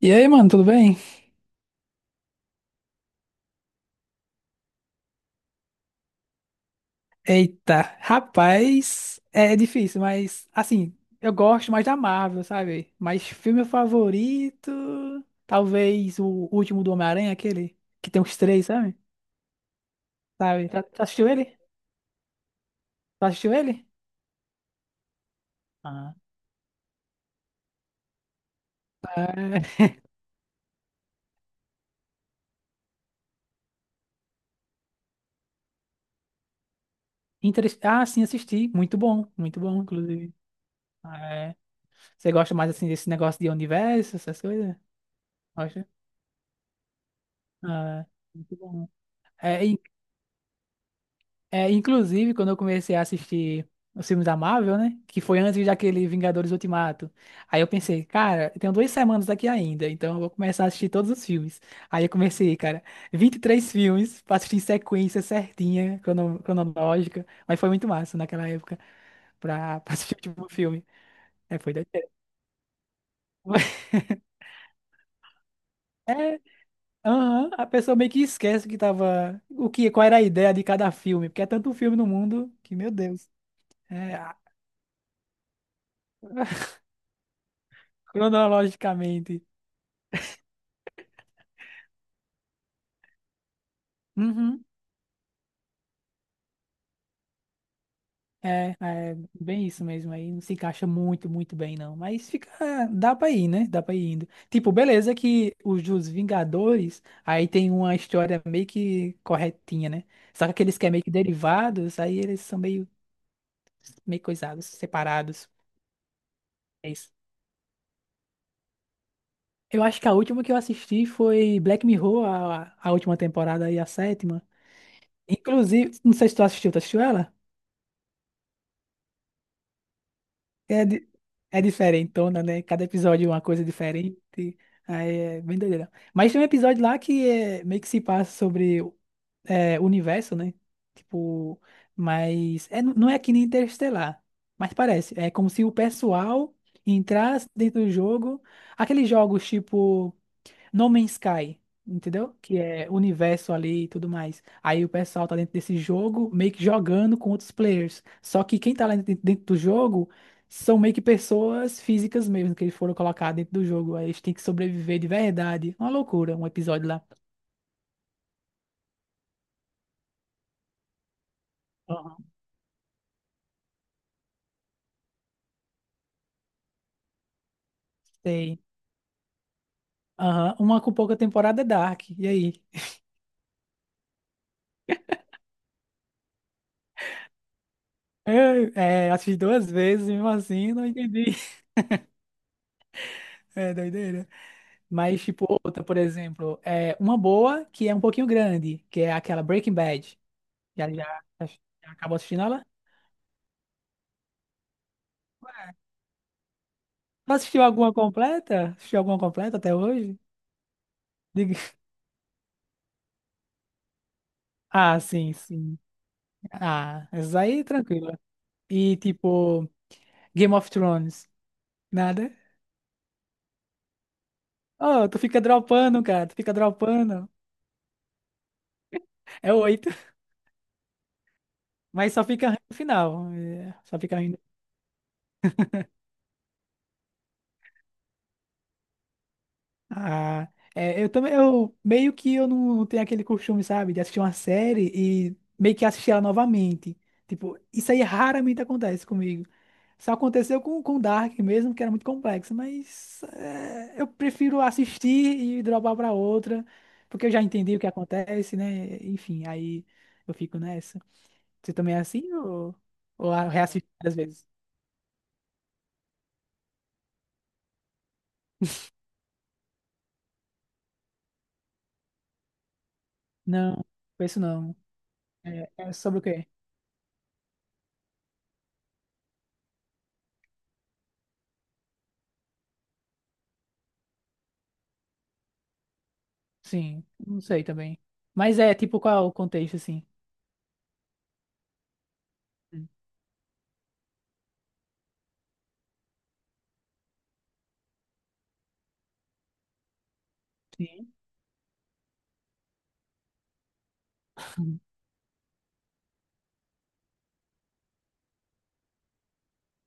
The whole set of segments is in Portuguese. E aí, mano, tudo bem? Eita, rapaz, é difícil, mas assim, eu gosto mais da Marvel, sabe? Mas filme favorito, talvez o último do Homem-Aranha, aquele que tem os três, sabe? Sabe? Já assistiu ele? Já assistiu ele? Ah, tá. Ah, sim, assisti. Muito bom, inclusive. Ah, é. Você gosta mais assim desse negócio de universo, essas coisas? Gosta? Ah, é. Muito bom. É, inclusive, quando eu comecei a assistir os filmes da Marvel, né? Que foi antes daquele Vingadores Ultimato. Aí eu pensei, cara, eu tenho 2 semanas aqui ainda, então eu vou começar a assistir todos os filmes. Aí eu comecei, cara, 23 filmes pra assistir em sequência certinha, cronológica. Mas foi muito massa naquela época pra, pra assistir o último filme. É, foi doideira. É, aham, a pessoa meio que esquece que tava. Qual era a ideia de cada filme, porque é tanto filme no mundo que, meu Deus, é, cronologicamente. Uhum. É, é bem isso mesmo aí. Não se encaixa muito, muito bem, não. Mas fica. Dá pra ir, né? Dá pra ir indo. Tipo, beleza que os dos Vingadores aí tem uma história meio que corretinha, né? Só que aqueles que é meio que derivados, aí eles são meio, meio coisados, separados. É isso. Eu acho que a última que eu assisti foi Black Mirror, a última temporada aí, a sétima. Inclusive, não sei se tu assistiu, tu assistiu ela? É, di- É diferentona, né? Cada episódio é uma coisa diferente. Aí é bem doideira. Mas tem um episódio lá que é, meio que se passa sobre é, o universo, né? Tipo, mas é, não é que nem Interestelar. Mas parece. É como se o pessoal entrasse dentro do jogo. Aqueles jogos tipo. No Man's Sky, entendeu? Que é universo ali e tudo mais. Aí o pessoal tá dentro desse jogo, meio que jogando com outros players. Só que quem tá lá dentro, dentro do jogo são meio que pessoas físicas mesmo, que eles foram colocar dentro do jogo. Aí eles têm que sobreviver de verdade. Uma loucura, um episódio lá. Aham. Sei. Aham. Uma com pouca temporada é Dark. E aí? Eu, é, assisti duas vezes, mesmo assim, não entendi. É doideira. Mas, tipo, outra, por exemplo, é uma boa que é um pouquinho grande, que é aquela Breaking Bad. Já acabou assistindo ela? Tu assistiu alguma completa? Assistiu alguma completa até hoje? Diga. Ah, sim, sim. Ah, essa aí, tranquila. E, tipo, Game of Thrones. Nada? Oh, tu fica dropando, cara. Tu fica dropando. É oito. Mas só fica ruim no final. É, só fica ruim. Ah, é, eu também, eu meio que eu não, não tenho aquele costume, sabe, de assistir uma série e meio que assistir ela novamente. Tipo, isso aí raramente acontece comigo. Só aconteceu com Dark mesmo, que era muito complexo, mas é, eu prefiro assistir e dropar pra outra, porque eu já entendi o que acontece, né? Enfim, aí eu fico nessa. Você também é assim ou reassiste várias vezes? Não, penso não. É, é sobre o quê? Sim, não sei também. Mas é, tipo, qual é o contexto, assim? Sim.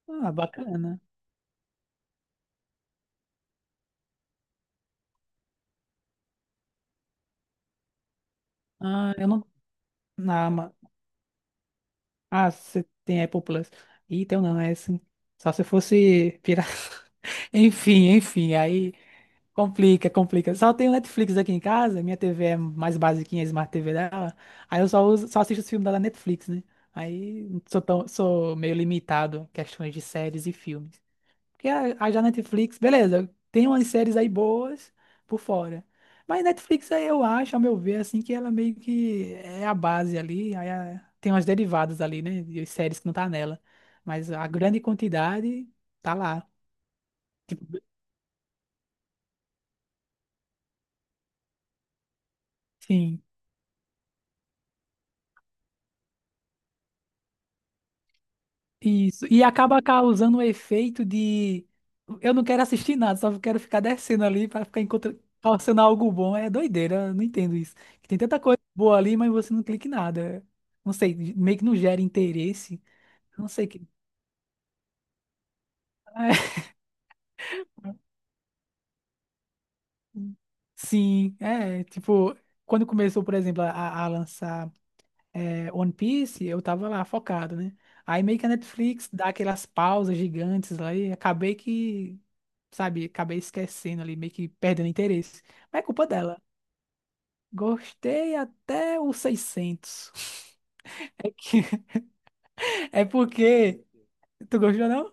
Ah, bacana. Ah, eu não. Na Ama- Ah, você tem Apple Plus. Ih, tem um não, é assim. Só se fosse pirata. Enfim, enfim, aí complica, complica. Só tenho Netflix aqui em casa, minha TV é mais basiquinha, a Smart TV dela. Aí eu só uso, só assisto os filmes da Netflix, né? Aí sou tão, sou meio limitado em questões de séries e filmes. Porque a já Netflix, beleza, tem umas séries aí boas por fora. Mas Netflix, aí eu acho, ao meu ver, assim, que ela meio que é a base ali. Aí tem umas derivadas ali, né? De séries que não tá nela. Mas a grande quantidade tá lá. Tipo, sim. Isso. E acaba causando um efeito de eu não quero assistir nada, só quero ficar descendo ali para ficar encontrando, causando algo bom. É doideira, eu não entendo isso. Que tem tanta coisa boa ali, mas você não clica em nada. Não sei, meio que não gera interesse. Não sei o que. Sim, é, tipo, quando começou, por exemplo, a lançar. É, One Piece, eu tava lá focado, né? Aí meio que a Netflix dá aquelas pausas gigantes lá e acabei que, sabe, acabei esquecendo ali, meio que perdendo interesse. Mas é culpa dela. Gostei até os 600. É porque. Tu gostou, não?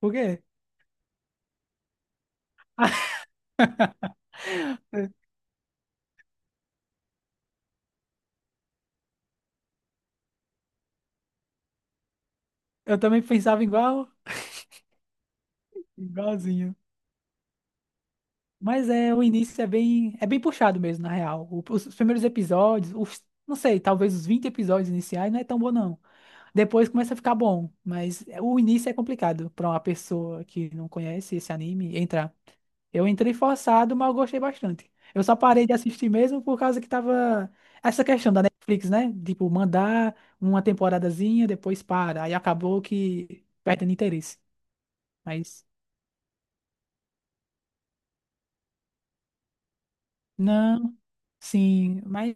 Por quê? Eu também pensava igual, igualzinho. Mas é, o início é bem puxado mesmo, na real. Os primeiros episódios, os, não sei, talvez os 20 episódios iniciais não é tão bom, não. Depois começa a ficar bom, mas é, o início é complicado pra uma pessoa que não conhece esse anime entrar. Eu entrei forçado, mas eu gostei bastante. Eu só parei de assistir mesmo por causa que tava essa questão da Netflix, né? Tipo, mandar uma temporadazinha, depois para. Aí acabou que perdendo interesse. Mas não, sim, mas.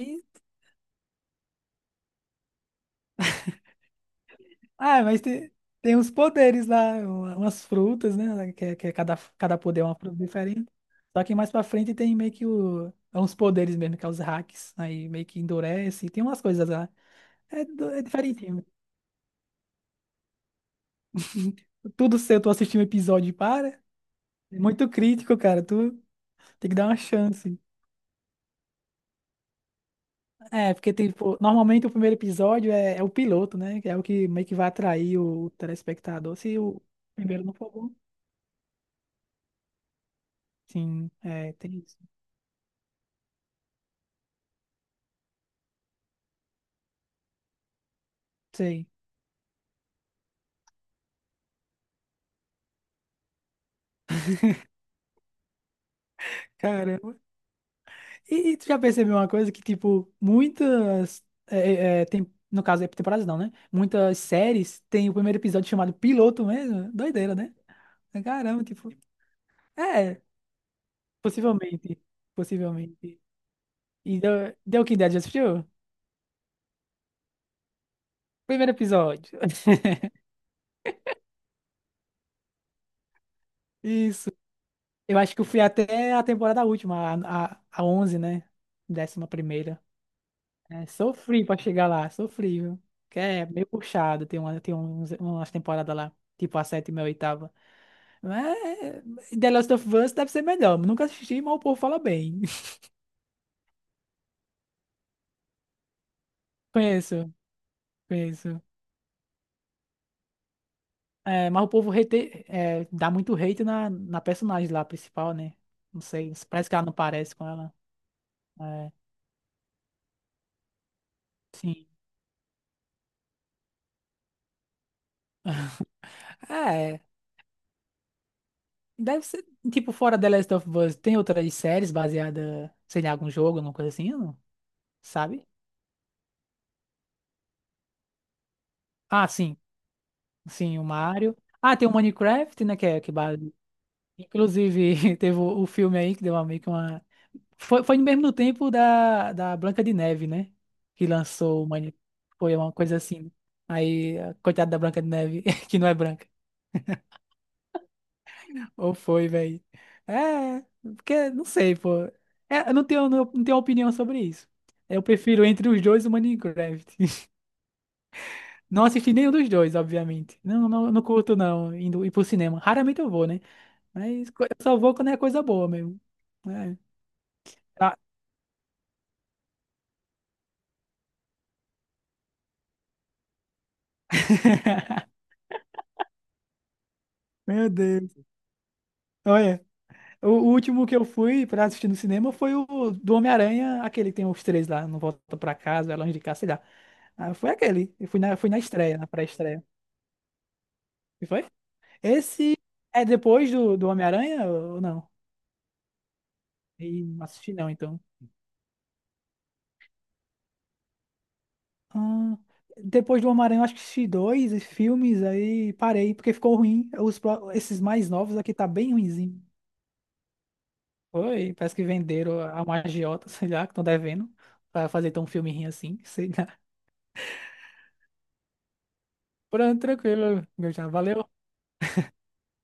Ah, mas tem, tem uns poderes lá, umas frutas, né? Que, que é cada, cada poder é uma fruta diferente. Só que mais pra frente tem meio que o, é uns poderes mesmo, que é os hacks. Aí meio que endurece, tem umas coisas lá. É, é diferentinho. Tudo seu, tu assistiu um episódio e para. É muito crítico, cara. Tu tem que dar uma chance. É, porque tipo, normalmente o primeiro episódio é, é o piloto, né? Que é o que meio que vai atrair o telespectador. Se o primeiro não for bom. Sim, é, tem isso. Sei. Cara. E tu já percebeu uma coisa que, tipo, muitas. Tem, no caso, é temporadas não, né? Muitas séries tem o primeiro episódio chamado piloto mesmo. Doideira, né? Caramba, tipo. É, possivelmente. Possivelmente. E deu que ideia, já assistiu? Primeiro episódio. Isso. Eu acho que eu fui até a temporada última, a 11, né? Décima primeira. É, sofri pra chegar lá, sofri, viu? Que é meio puxado, tem, uma, tem uns, umas temporadas lá, tipo a sétima e a oitava. Mas The Last of Us deve ser melhor. Nunca assisti, mas o povo fala bem. Conheço, conheço. É, mas o povo hate, é, dá muito hate na, na personagem lá, principal, né? Não sei, parece que ela não parece com ela. É, sim. É, deve ser, tipo, fora The Last of Us, tem outras séries baseadas, sei lá, em algum jogo, alguma coisa assim, não? Sabe? Ah, sim, sim, o Mario. Ah, tem o Minecraft, né, que é base... Inclusive, teve o filme aí que deu uma, meio que uma. Foi no mesmo tempo da Branca de Neve, né? Que lançou. Foi uma coisa assim. Aí, a coitada da Branca de Neve, que não é branca. Ou foi, velho. É, porque não sei, pô. É, eu não tenho, não, não tenho opinião sobre isso. Eu prefiro entre os dois o Minecraft. Não assisti nenhum dos dois, obviamente. Não, não, não curto, não, indo ir pro cinema. Raramente eu vou, né? Mas eu só vou quando é coisa boa mesmo. É. Ah. Meu Deus. Olha. O último que eu fui pra assistir no cinema foi o do Homem-Aranha, aquele que tem os três lá, Não Volta Pra Casa, É Longe de Casa, sei lá. Ah, foi aquele. Eu fui na estreia, na pré-estreia. E foi? Esse é depois do Homem-Aranha ou não? E não assisti não, então. Ah, depois do Homem-Aranha, eu acho que assisti dois filmes, aí parei, porque ficou ruim. Os, esses mais novos aqui tá bem ruinzinho. Foi, parece que venderam a uma agiota, sei lá, que estão devendo, pra fazer tão um filme ruim assim, sei lá. Pronto, tranquilo, Gustavo. Valeu.